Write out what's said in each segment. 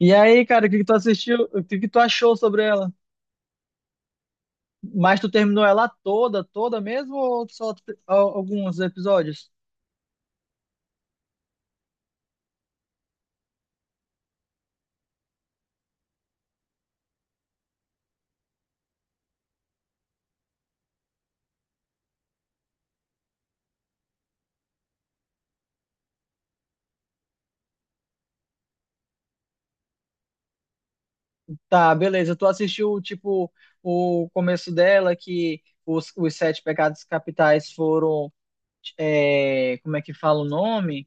E aí, cara, o que tu assistiu? O que tu achou sobre ela? Mas tu terminou ela toda, toda mesmo ou só alguns episódios? Tá, beleza. Tu assistiu, tipo, o começo dela, que os sete pecados capitais foram, como é que fala o nome?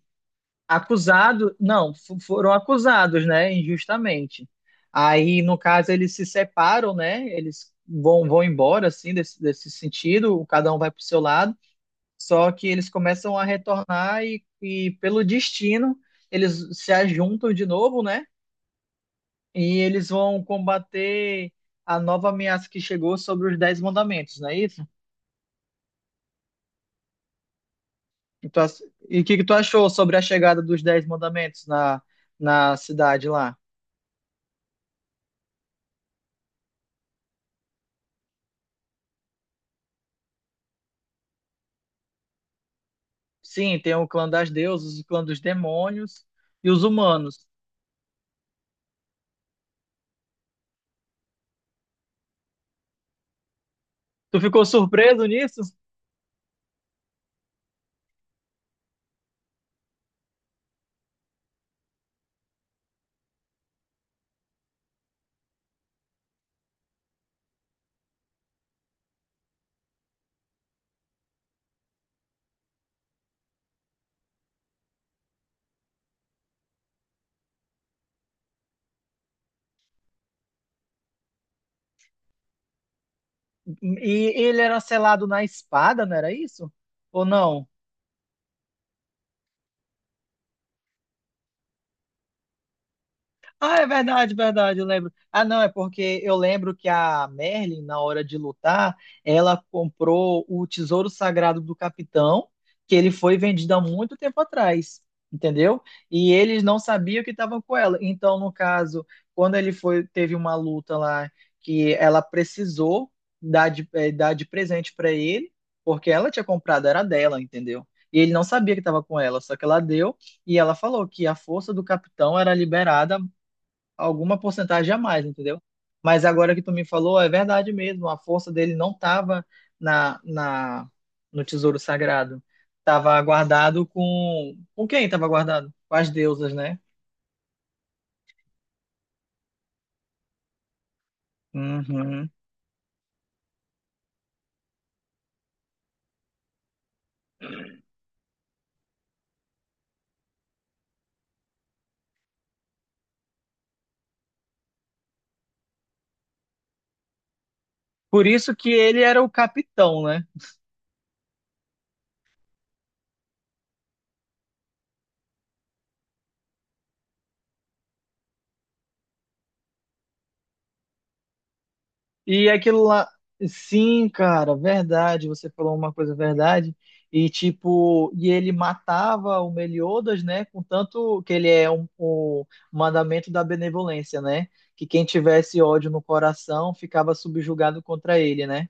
Acusados, não, foram acusados, né, injustamente. Aí, no caso, eles se separam, né? Eles vão embora, assim, desse sentido, cada um vai pro seu lado. Só que eles começam a retornar e pelo destino, eles se ajuntam de novo, né? E eles vão combater a nova ameaça que chegou sobre os Dez Mandamentos, não é isso? E tu ach- e o que tu achou sobre a chegada dos Dez Mandamentos na cidade lá? Sim, tem o clã das deusas, o clã dos demônios e os humanos. Tu ficou surpreso nisso? E ele era selado na espada, não era isso? Ou não? Ah, é verdade, verdade, eu lembro. Ah, não, é porque eu lembro que a Merlin, na hora de lutar, ela comprou o tesouro sagrado do capitão, que ele foi vendido há muito tempo atrás, entendeu? E eles não sabiam que estavam com ela. Então, no caso, quando ele foi, teve uma luta lá que ela precisou dar de, dar de presente para ele, porque ela tinha comprado, era dela, entendeu? E ele não sabia que estava com ela, só que ela deu. E ela falou que a força do capitão era liberada alguma porcentagem a mais, entendeu? Mas agora que tu me falou, é verdade mesmo, a força dele não estava na, no tesouro sagrado. Estava guardado com. Com quem estava guardado? Com as deusas, né? Uhum. Por isso que ele era o capitão, né? E aquilo lá, sim, cara, verdade, você falou uma coisa verdade. E tipo, e ele matava o Meliodas, né? Contanto que ele é um, o mandamento da benevolência, né? Que quem tivesse ódio no coração ficava subjugado contra ele, né?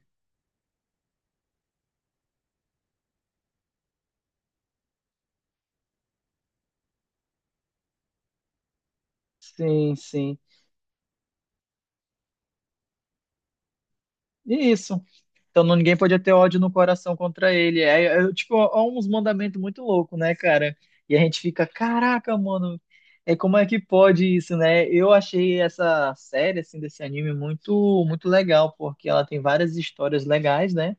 Sim, sim. E isso. Então ninguém podia ter ódio no coração contra ele. Tipo, ó, uns mandamentos muito loucos, né, cara? E a gente fica, caraca, mano, é como é que pode isso, né? Eu achei essa série, assim, desse anime muito, muito legal, porque ela tem várias histórias legais, né?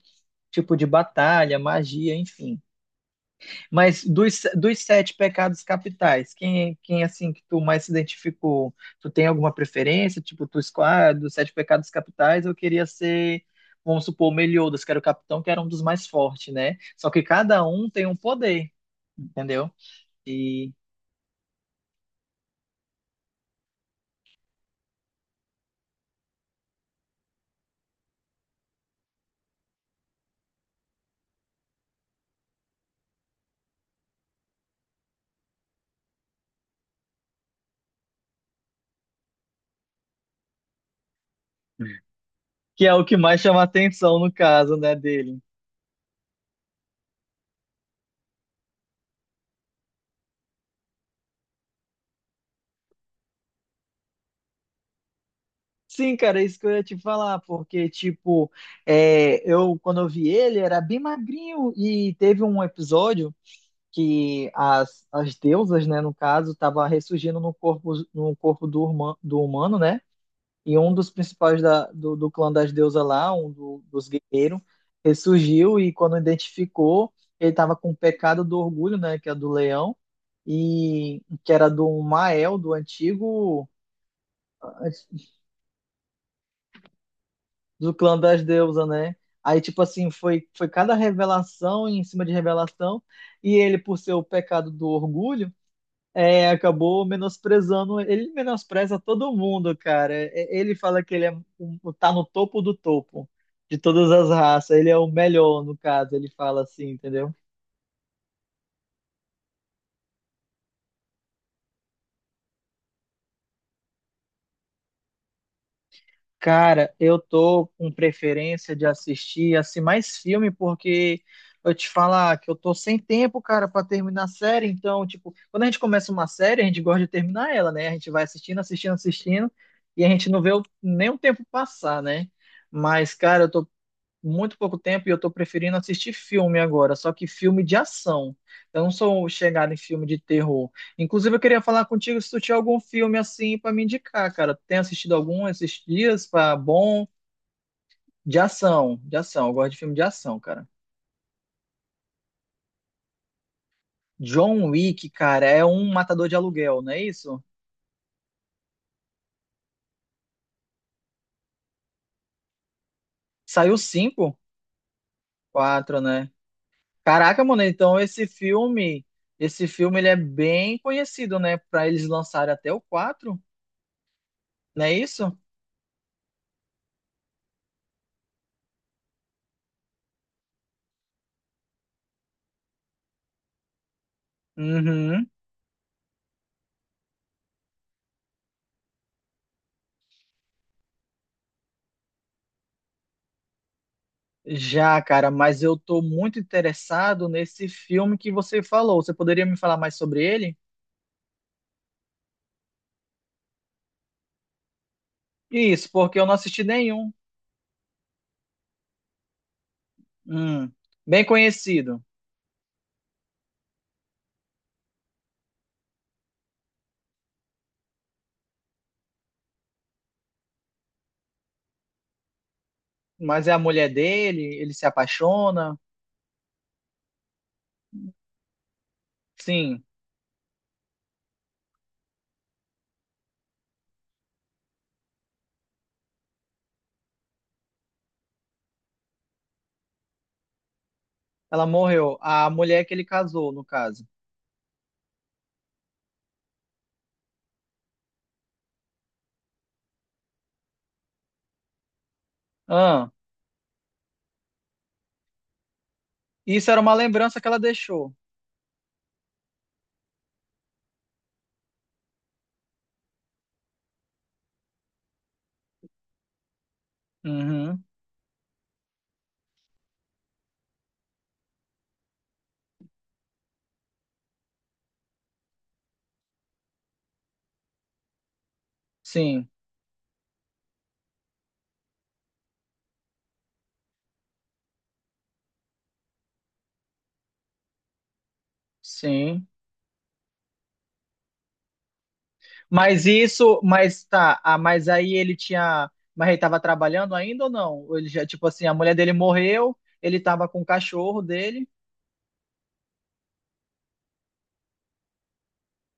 Tipo de batalha, magia, enfim. Mas dos sete pecados capitais, quem assim que tu mais se identificou? Tu tem alguma preferência? Tipo, tu escolhe ah, dos sete pecados capitais, eu queria ser, vamos supor, Meliodas, que era o capitão, que era um dos mais fortes, né? Só que cada um tem um poder, entendeu? E que é o que mais chama atenção no caso, né, dele. Sim, cara, é isso que eu ia te falar, porque, tipo, eu, quando eu vi ele, era bem magrinho e teve um episódio que as deusas, né, no caso, estavam ressurgindo no corpo, no corpo do, do humano, né? E um dos principais do clã das deusas lá, dos guerreiros, ressurgiu e quando identificou, ele estava com o pecado do orgulho, né, que é do leão, e que era do Mael, do antigo do clã das deusas, né? Aí, tipo assim, foi cada revelação em cima de revelação, e ele, por ser o pecado do orgulho, é, acabou menosprezando. Ele menospreza todo mundo, cara. Ele fala que ele é, tá no topo do topo de todas as raças. Ele é o melhor, no caso. Ele fala assim, entendeu? Cara, eu tô com preferência de assistir assim mais filme porque eu te falar que eu tô sem tempo, cara, pra terminar a série. Então, tipo, quando a gente começa uma série, a gente gosta de terminar ela, né? A gente vai assistindo, assistindo, assistindo e a gente não vê nem o tempo passar, né? Mas, cara, eu tô muito pouco tempo e eu tô preferindo assistir filme agora, só que filme de ação. Eu não sou chegado em filme de terror. Inclusive, eu queria falar contigo se tu tinha algum filme assim pra me indicar, cara. Tem assistido algum esses dias para bom de ação, de ação. Eu gosto de filme de ação, cara. John Wick, cara, é um matador de aluguel, não é isso? Saiu cinco, quatro, né? Caraca, mano, então esse filme ele é bem conhecido, né? Pra eles lançarem até o quatro, não é isso? Uhum. Já, cara, mas eu tô muito interessado nesse filme que você falou. Você poderia me falar mais sobre ele? Isso, porque eu não assisti nenhum. Hum, bem conhecido. Mas é a mulher dele, ele se apaixona. Sim, ela morreu. A mulher que ele casou, no caso. Ah, isso era uma lembrança que ela deixou. Uhum, sim, sim. Mas isso, mas tá, ah, mas aí ele tinha, mas ele tava trabalhando ainda ou não? Ou ele já, tipo assim, a mulher dele morreu, ele tava com o cachorro dele,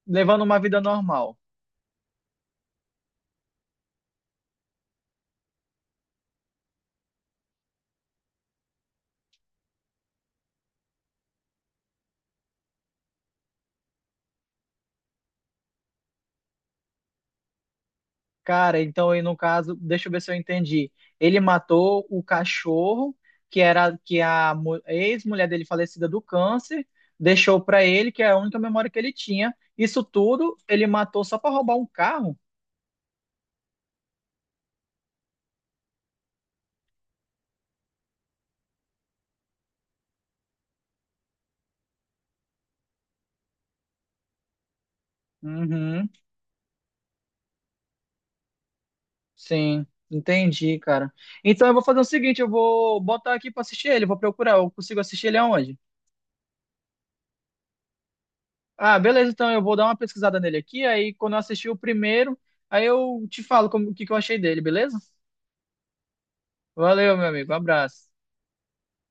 levando uma vida normal. Cara, então aí no caso, deixa eu ver se eu entendi. Ele matou o cachorro, que era que a ex-mulher dele falecida do câncer deixou pra ele, que é a única memória que ele tinha. Isso tudo ele matou só pra roubar um carro? Uhum. Sim, entendi, cara. Então eu vou fazer o seguinte, eu vou botar aqui pra assistir ele, vou procurar, eu consigo assistir ele aonde? Ah, beleza, então eu vou dar uma pesquisada nele aqui, aí quando eu assistir o primeiro, aí eu te falo como, o que que eu achei dele, beleza? Valeu, meu amigo, um abraço.